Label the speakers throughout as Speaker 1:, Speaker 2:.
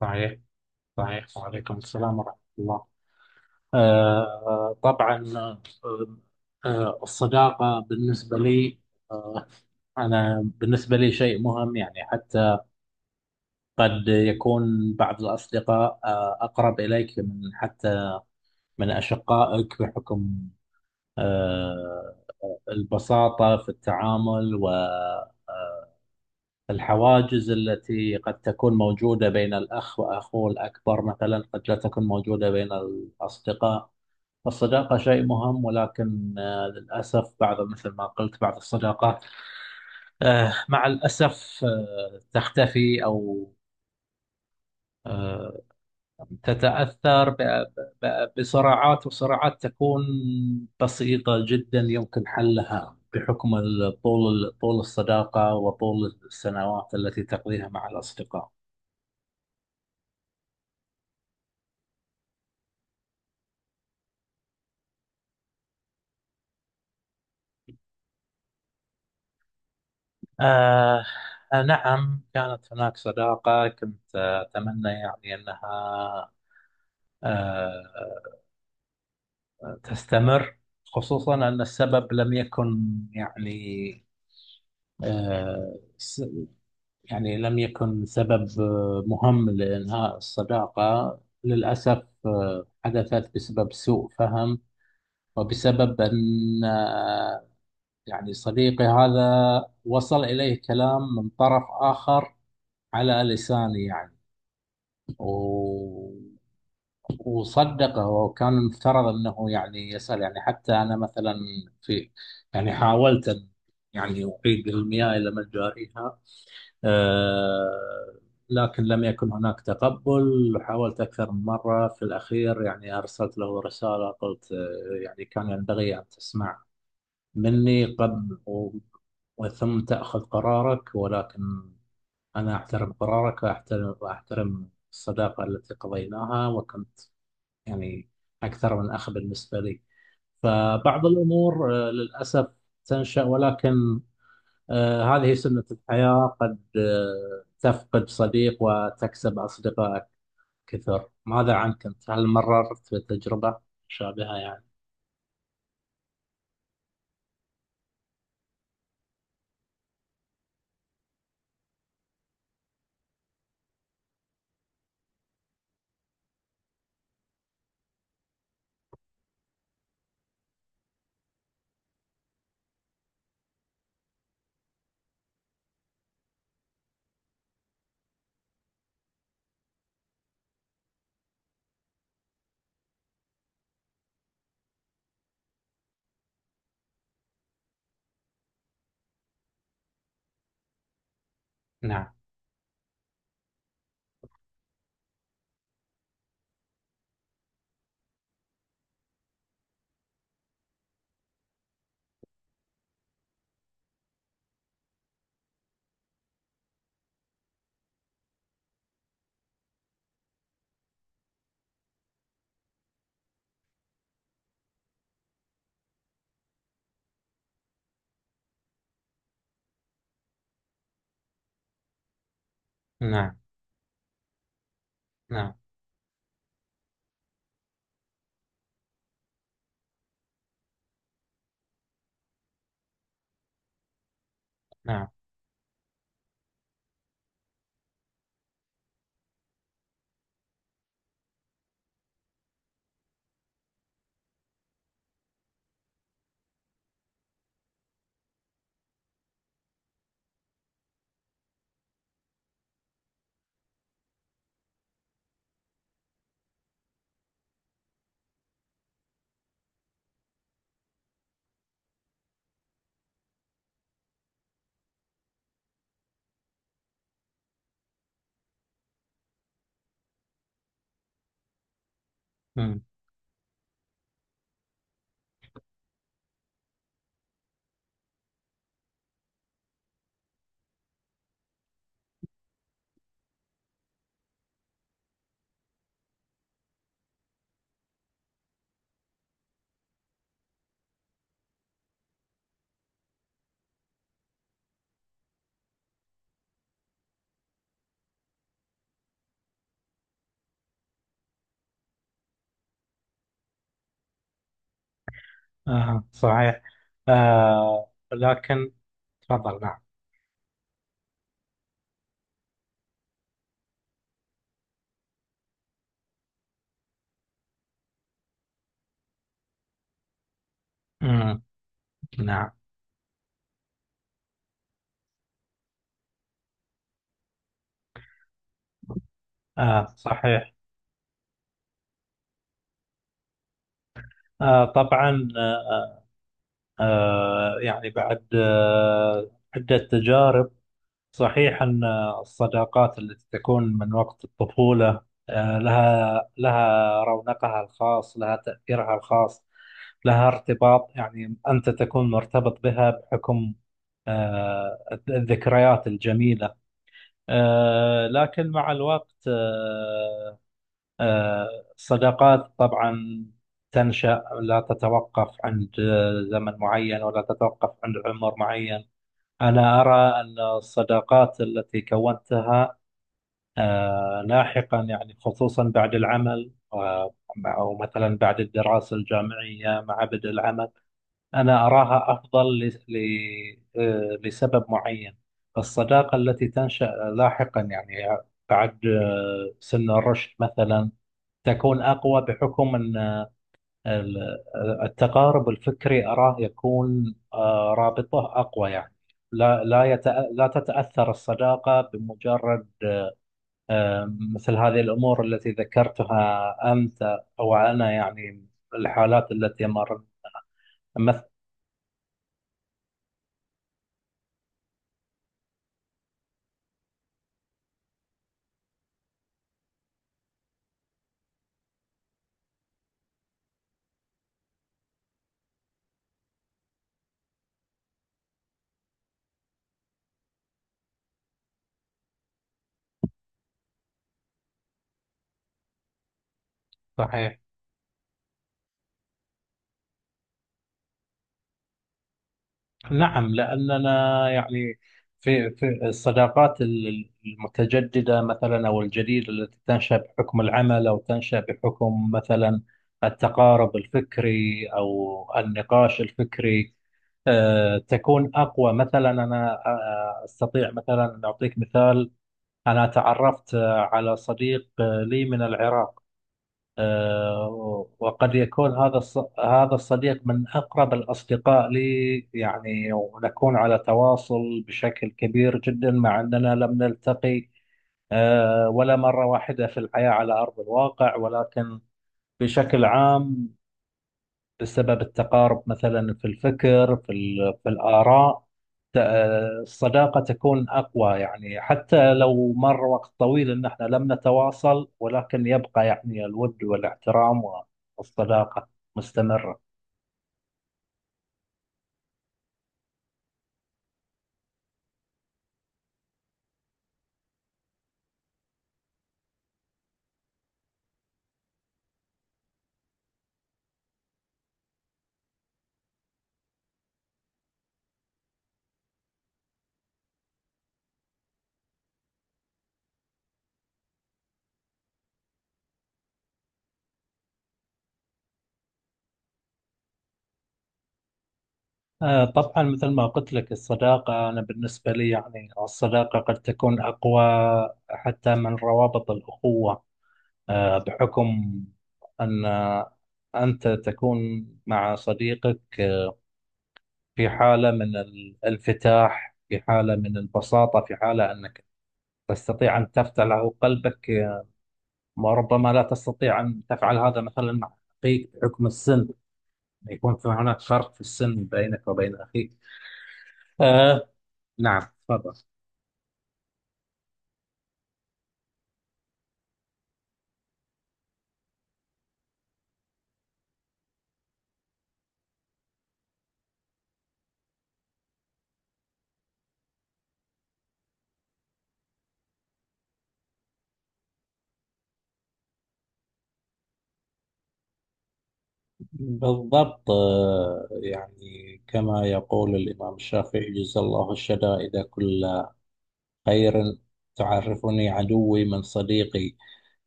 Speaker 1: صحيح، صحيح. وعليكم السلام ورحمة الله. طبعا. الصداقة بالنسبة لي. آه أنا بالنسبة لي شيء مهم، يعني حتى قد يكون بعض الأصدقاء أقرب إليك من حتى من أشقائك، بحكم آه البساطة في التعامل. والحواجز التي قد تكون موجودة بين الأخ وأخوه الأكبر مثلا قد لا تكون موجودة بين الأصدقاء. الصداقة شيء مهم، ولكن للأسف بعض، مثل ما قلت، بعض الصداقات مع الأسف تختفي أو آه، تتأثر بصراعات. وصراعات تكون بسيطة جدا يمكن حلها بحكم طول الصداقة وطول السنوات التي تقضيها مع الأصدقاء. آه نعم، كانت هناك صداقة كنت أتمنى يعني أنها آه، تستمر، خصوصا أن السبب لم يكن يعني آه، س- يعني، لم يكن سبب مهم لإنهاء الصداقة. للأسف حدثت بسبب سوء فهم، وبسبب أن يعني صديقي هذا وصل إليه كلام من طرف آخر على لساني، يعني. و... وصدقه. وكان المفترض انه يعني يسأل، يعني حتى انا مثلا، في يعني حاولت ان يعني اعيد المياه الى مجاريها. آه لكن لم يكن هناك تقبل. حاولت اكثر من مره. في الاخير يعني ارسلت له رساله، قلت يعني كان ينبغي ان تسمع مني قبل وثم تاخذ قرارك، ولكن أنا أحترم قرارك، وأحترم الصداقة التي قضيناها. وكنت يعني أكثر من أخ بالنسبة لي. فبعض الأمور للأسف تنشأ، ولكن هذه سنة الحياة. قد تفقد صديق وتكسب أصدقاء كثر. ماذا عنك أنت؟ هل مررت بتجربة مشابهة يعني؟ نعم، نعم، نعم، نعم. مم. صحيح. لكن، تفضل. نعم. مم. نعم. صحيح. طبعا. آه يعني بعد عدة تجارب، صحيح أن الصداقات التي تكون من وقت الطفولة لها رونقها الخاص، لها تأثيرها الخاص، لها ارتباط. يعني أنت تكون مرتبط بها بحكم آه الذكريات الجميلة. لكن مع الوقت، آه، الصداقات طبعا تنشأ. لا تتوقف عند زمن معين، ولا تتوقف عند عمر معين. أنا أرى أن الصداقات التي كونتها لاحقا، يعني خصوصا بعد العمل، أو مثلا بعد الدراسة الجامعية مع بدء العمل، أنا أراها أفضل لسبب معين. الصداقة التي تنشأ لاحقا، يعني بعد سن الرشد مثلا، تكون أقوى بحكم أن ال- التقارب الفكري أراه يكون رابطه أقوى يعني. لا لا تتأثر الصداقة بمجرد آه، مثل هذه الأمور التي ذكرتها أنت أو أنا، يعني الحالات التي مرت مثل. صحيح. نعم، لأننا يعني في الصداقات المتجددة مثلا أو الجديدة، التي تنشأ بحكم العمل أو تنشأ بحكم مثلا التقارب الفكري أو النقاش الفكري، تكون أقوى. مثلا أنا أستطيع مثلا أن أعطيك مثال. أنا تعرفت على صديق لي من العراق. وقد يكون هذا هذا الصديق من أقرب الأصدقاء لي يعني، ونكون على تواصل بشكل كبير جدا مع أننا لم نلتقي ولا مرة واحدة في الحياة على أرض الواقع، ولكن بشكل عام بسبب التقارب مثلا في الفكر، في الآراء، ت- الصداقة تكون أقوى يعني. حتى لو مر وقت طويل إن احنا لم نتواصل، ولكن يبقى يعني الود والاحترام والصداقة مستمرة. طبعا، مثل ما قلت لك، الصداقة أنا بالنسبة لي يعني، الصداقة قد تكون أقوى حتى من روابط الأخوة، بحكم أن أنت تكون مع صديقك في حالة من الانفتاح، في حالة من البساطة، في حالة أنك تستطيع أن تفتح له قلبك. وربما لا تستطيع أن تفعل هذا مثلا مع أخيك بحكم السن. يكون في هناك فرق في السن بينك وبين أخيك. آه نعم، تفضل. بالضبط. يعني كما يقول الإمام الشافعي: جزا الله الشدائد كلا خير، تعرفني عدوي من صديقي.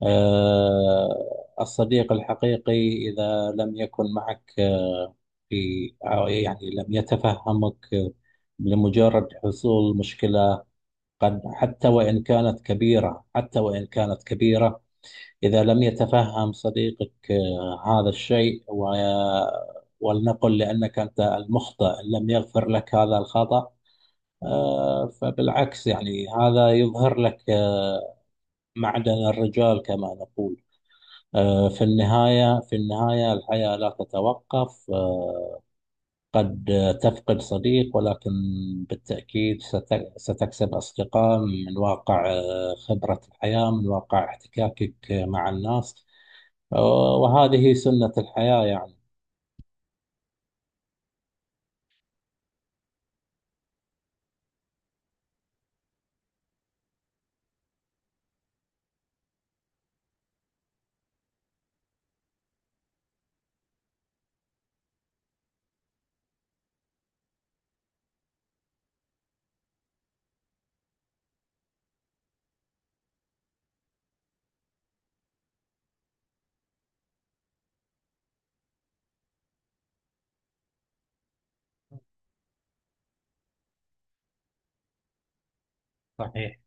Speaker 1: الصديق الحقيقي إذا لم يكن معك آه، في أو يعني لم يتفهمك لمجرد حصول مشكلة، قد حتى وإن كانت كبيرة، حتى وإن كانت كبيرة، إذا لم يتفهم صديقك هذا الشيء، ولنقل لأنك أنت المخطئ، إن لم يغفر لك هذا الخطأ، فبالعكس يعني هذا يظهر لك معدن الرجال كما نقول. في النهاية، في النهاية الحياة لا تتوقف. قد تفقد صديق، ولكن بالتأكيد ستكسب أصدقاء من واقع خبرة الحياة، من واقع احتكاكك مع الناس. وهذه سنة الحياة يعني. صحيح.